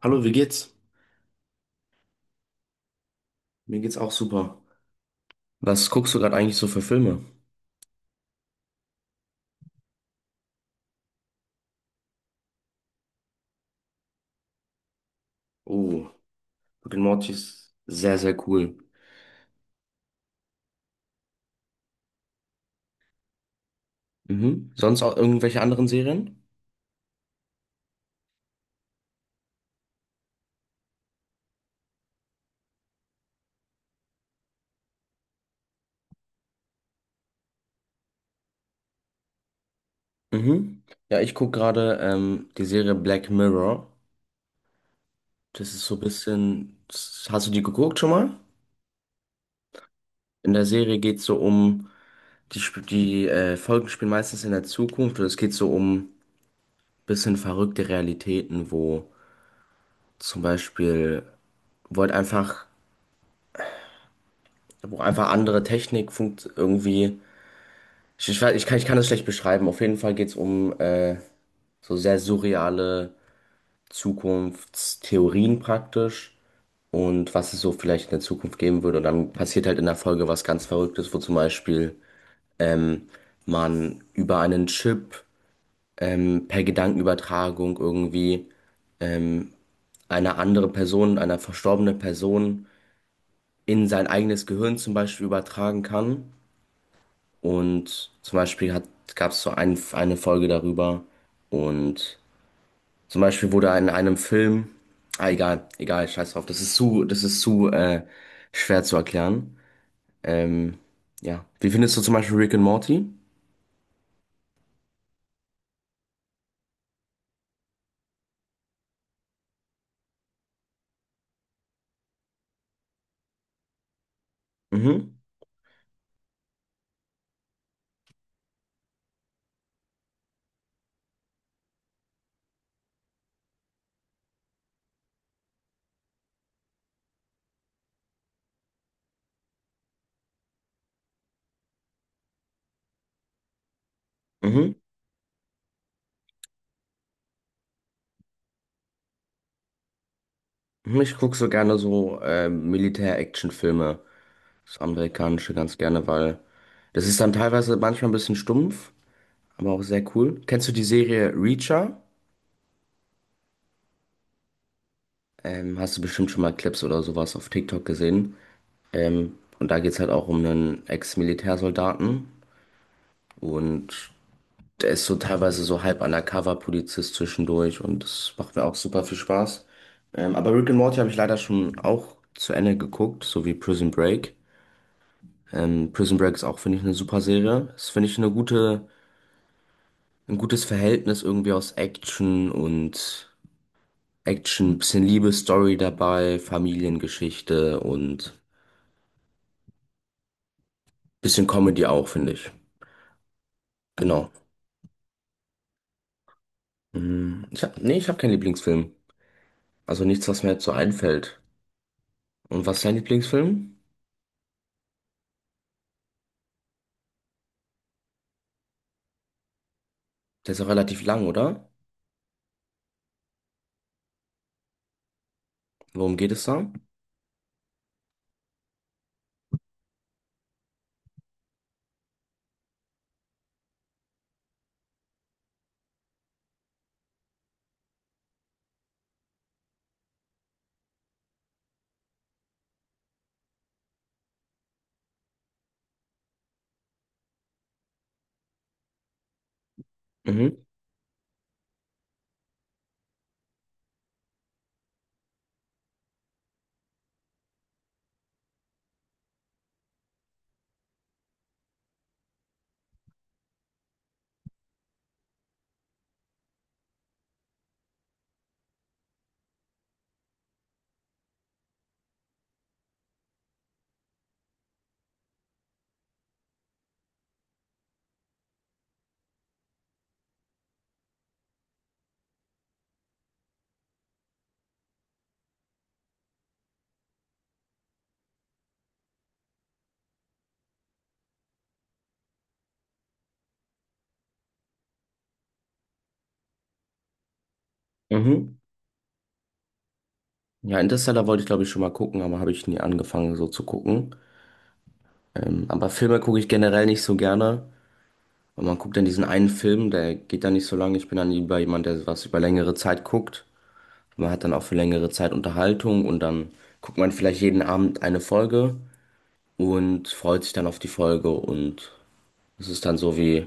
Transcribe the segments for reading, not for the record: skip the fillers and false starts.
Hallo, wie geht's? Mir geht's auch super. Was guckst du gerade eigentlich so für Filme? Oh, Rick and Morty ist sehr, sehr cool. Mhm. Sonst auch irgendwelche anderen Serien? Mhm. Ja, ich guck gerade die Serie Black Mirror. Das ist so ein bisschen. Hast du die geguckt schon mal? In der Serie geht's so um. Die Folgen spielen meistens in der Zukunft und es geht so um bisschen verrückte Realitäten, wo zum Beispiel, wo halt einfach, wo einfach andere Technik funkt irgendwie. Ich kann das schlecht beschreiben. Auf jeden Fall geht es um so sehr surreale Zukunftstheorien praktisch und was es so vielleicht in der Zukunft geben würde. Und dann passiert halt in der Folge was ganz Verrücktes, wo zum Beispiel man über einen Chip per Gedankenübertragung irgendwie eine andere Person, eine verstorbene Person in sein eigenes Gehirn zum Beispiel übertragen kann. Und zum Beispiel gab es so eine Folge darüber und zum Beispiel wurde in einem Film, egal, egal, scheiß drauf, das ist zu, das ist zu schwer zu erklären. Ähm, ja, wie findest du zum Beispiel Rick and Morty? Mhm, mhm. Mhm. Ich gucke so gerne so Militär-Action-Filme, das amerikanische ganz gerne, weil das ist dann teilweise manchmal ein bisschen stumpf, aber auch sehr cool. Kennst du die Serie Reacher? Hast du bestimmt schon mal Clips oder sowas auf TikTok gesehen. Und da geht's halt auch um einen Ex-Militärsoldaten und der ist so teilweise so halb Undercover-Polizist zwischendurch und das macht mir auch super viel Spaß. Aber Rick and Morty habe ich leider schon auch zu Ende geguckt, so wie Prison Break. Prison Break ist auch, finde ich, eine super Serie. Das finde ich eine gute, ein gutes Verhältnis irgendwie aus Action und Action, bisschen Liebesstory dabei, Familiengeschichte und bisschen Comedy auch, finde ich. Genau. Hm, ich hab, nee, ich habe keinen Lieblingsfilm. Also nichts, was mir jetzt so einfällt. Und was ist dein Lieblingsfilm? Der ist auch relativ lang, oder? Worum geht es da? Mhm, mhm. Ja, Interstellar wollte ich glaube ich schon mal gucken, aber habe ich nie angefangen so zu gucken. Aber Filme gucke ich generell nicht so gerne. Und man guckt dann diesen einen Film, der geht dann nicht so lange. Ich bin dann lieber jemand, der was über längere Zeit guckt. Man hat dann auch für längere Zeit Unterhaltung und dann guckt man vielleicht jeden Abend eine Folge und freut sich dann auf die Folge und es ist dann so wie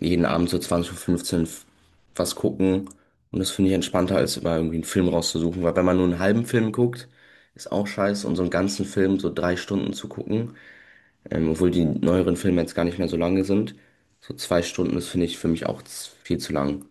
jeden Abend so 20.15 Uhr fünfzehn was gucken. Und das finde ich entspannter, als immer irgendwie einen Film rauszusuchen. Weil wenn man nur einen halben Film guckt, ist auch scheiße. Und so einen ganzen Film, so 3 Stunden zu gucken, obwohl die neueren Filme jetzt gar nicht mehr so lange sind. So 2 Stunden, ist finde ich für mich auch viel zu lang.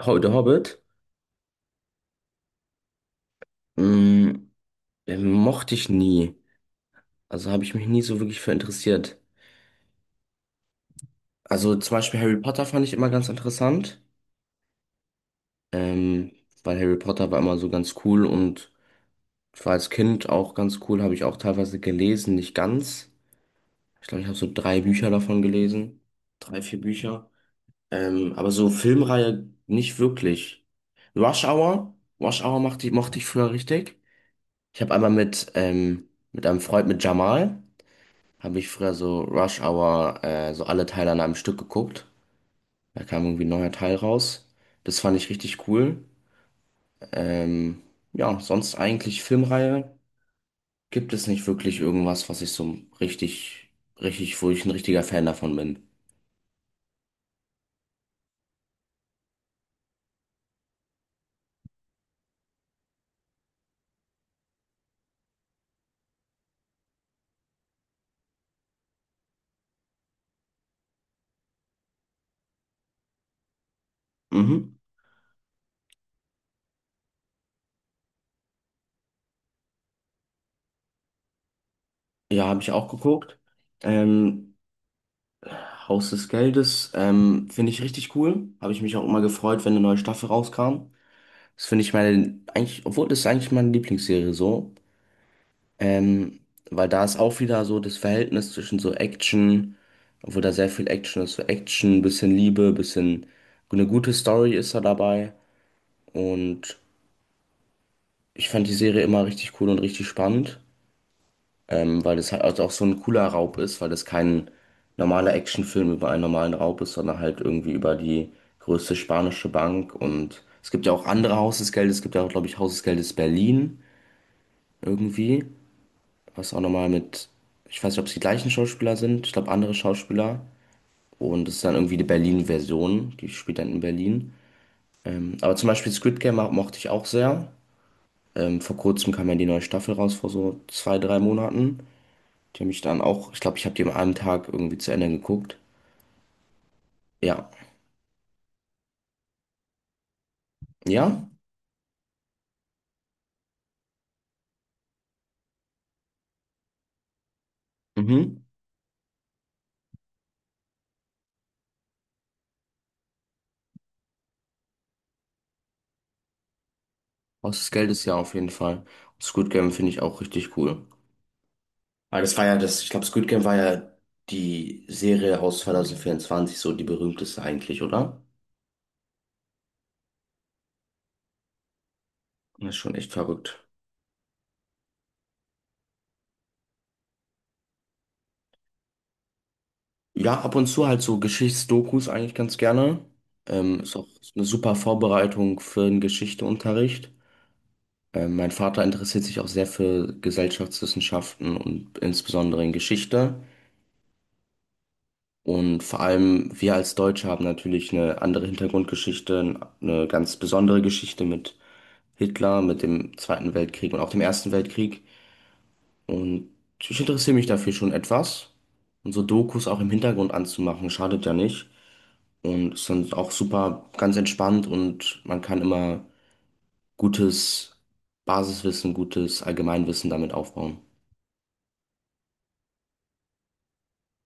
The Hobbit, mh, mochte ich nie. Also habe ich mich nie so wirklich für interessiert. Also zum Beispiel Harry Potter fand ich immer ganz interessant. Ähm, Weil Harry Potter war immer so ganz cool und ich war als Kind auch ganz cool, habe ich auch teilweise gelesen, nicht ganz. Ich glaube, ich habe so drei Bücher davon gelesen. Drei, vier Bücher. Aber so Filmreihe nicht wirklich. Rush Hour, Rush Hour mochte ich früher richtig. Ich habe einmal mit einem Freund, mit Jamal, habe ich früher so Rush Hour, so alle Teile an einem Stück geguckt. Da kam irgendwie ein neuer Teil raus. Das fand ich richtig cool. Ähm, ja, sonst eigentlich Filmreihe. Gibt es nicht wirklich irgendwas, was ich so richtig, richtig, wo ich ein richtiger Fan davon bin. Mhm. Ja, habe ich auch geguckt. Ähm, Haus des Geldes, finde ich richtig cool. Habe ich mich auch immer gefreut, wenn eine neue Staffel rauskam. Das finde ich meine, eigentlich, obwohl das ist eigentlich meine Lieblingsserie so. Ähm, Weil da ist auch wieder so das Verhältnis zwischen so Action, obwohl da sehr viel Action ist, so Action, bisschen Liebe, bisschen eine gute Story ist da dabei. Und ich fand die Serie immer richtig cool und richtig spannend, weil das halt also auch so ein cooler Raub ist, weil das kein normaler Actionfilm über einen normalen Raub ist, sondern halt irgendwie über die größte spanische Bank. Und es gibt ja auch andere Haus des Geldes, es gibt ja auch, glaube ich, Haus des Geldes Berlin irgendwie, was auch nochmal mit, ich weiß nicht, ob es die gleichen Schauspieler sind, ich glaube andere Schauspieler. Und es ist dann irgendwie die Berlin-Version, die spielt dann in Berlin. Aber zum Beispiel Squid Game mochte ich auch sehr. Vor kurzem kam ja die neue Staffel raus, vor so 2, 3 Monaten. Die habe ich dann auch, ich glaube, ich habe die am einen Tag irgendwie zu Ende geguckt. Ja. Ja? Mhm. Haus des Geldes, ja, auf jeden Fall. Und Squid Game finde ich auch richtig cool. Weil das war ja das, ich glaube, Squid Game war ja die Serie aus 2024, so die berühmteste eigentlich, oder? Das ist schon echt verrückt. Ja, ab und zu halt so Geschichtsdokus eigentlich ganz gerne. Ist auch eine super Vorbereitung für den Geschichteunterricht. Mein Vater interessiert sich auch sehr für Gesellschaftswissenschaften und insbesondere in Geschichte. Und vor allem wir als Deutsche haben natürlich eine andere Hintergrundgeschichte, eine ganz besondere Geschichte mit Hitler, mit dem Zweiten Weltkrieg und auch dem Ersten Weltkrieg. Und ich interessiere mich dafür schon etwas. Und so Dokus auch im Hintergrund anzumachen, schadet ja nicht. Und ist dann auch super ganz entspannt und man kann immer gutes Basiswissen, gutes Allgemeinwissen damit aufbauen.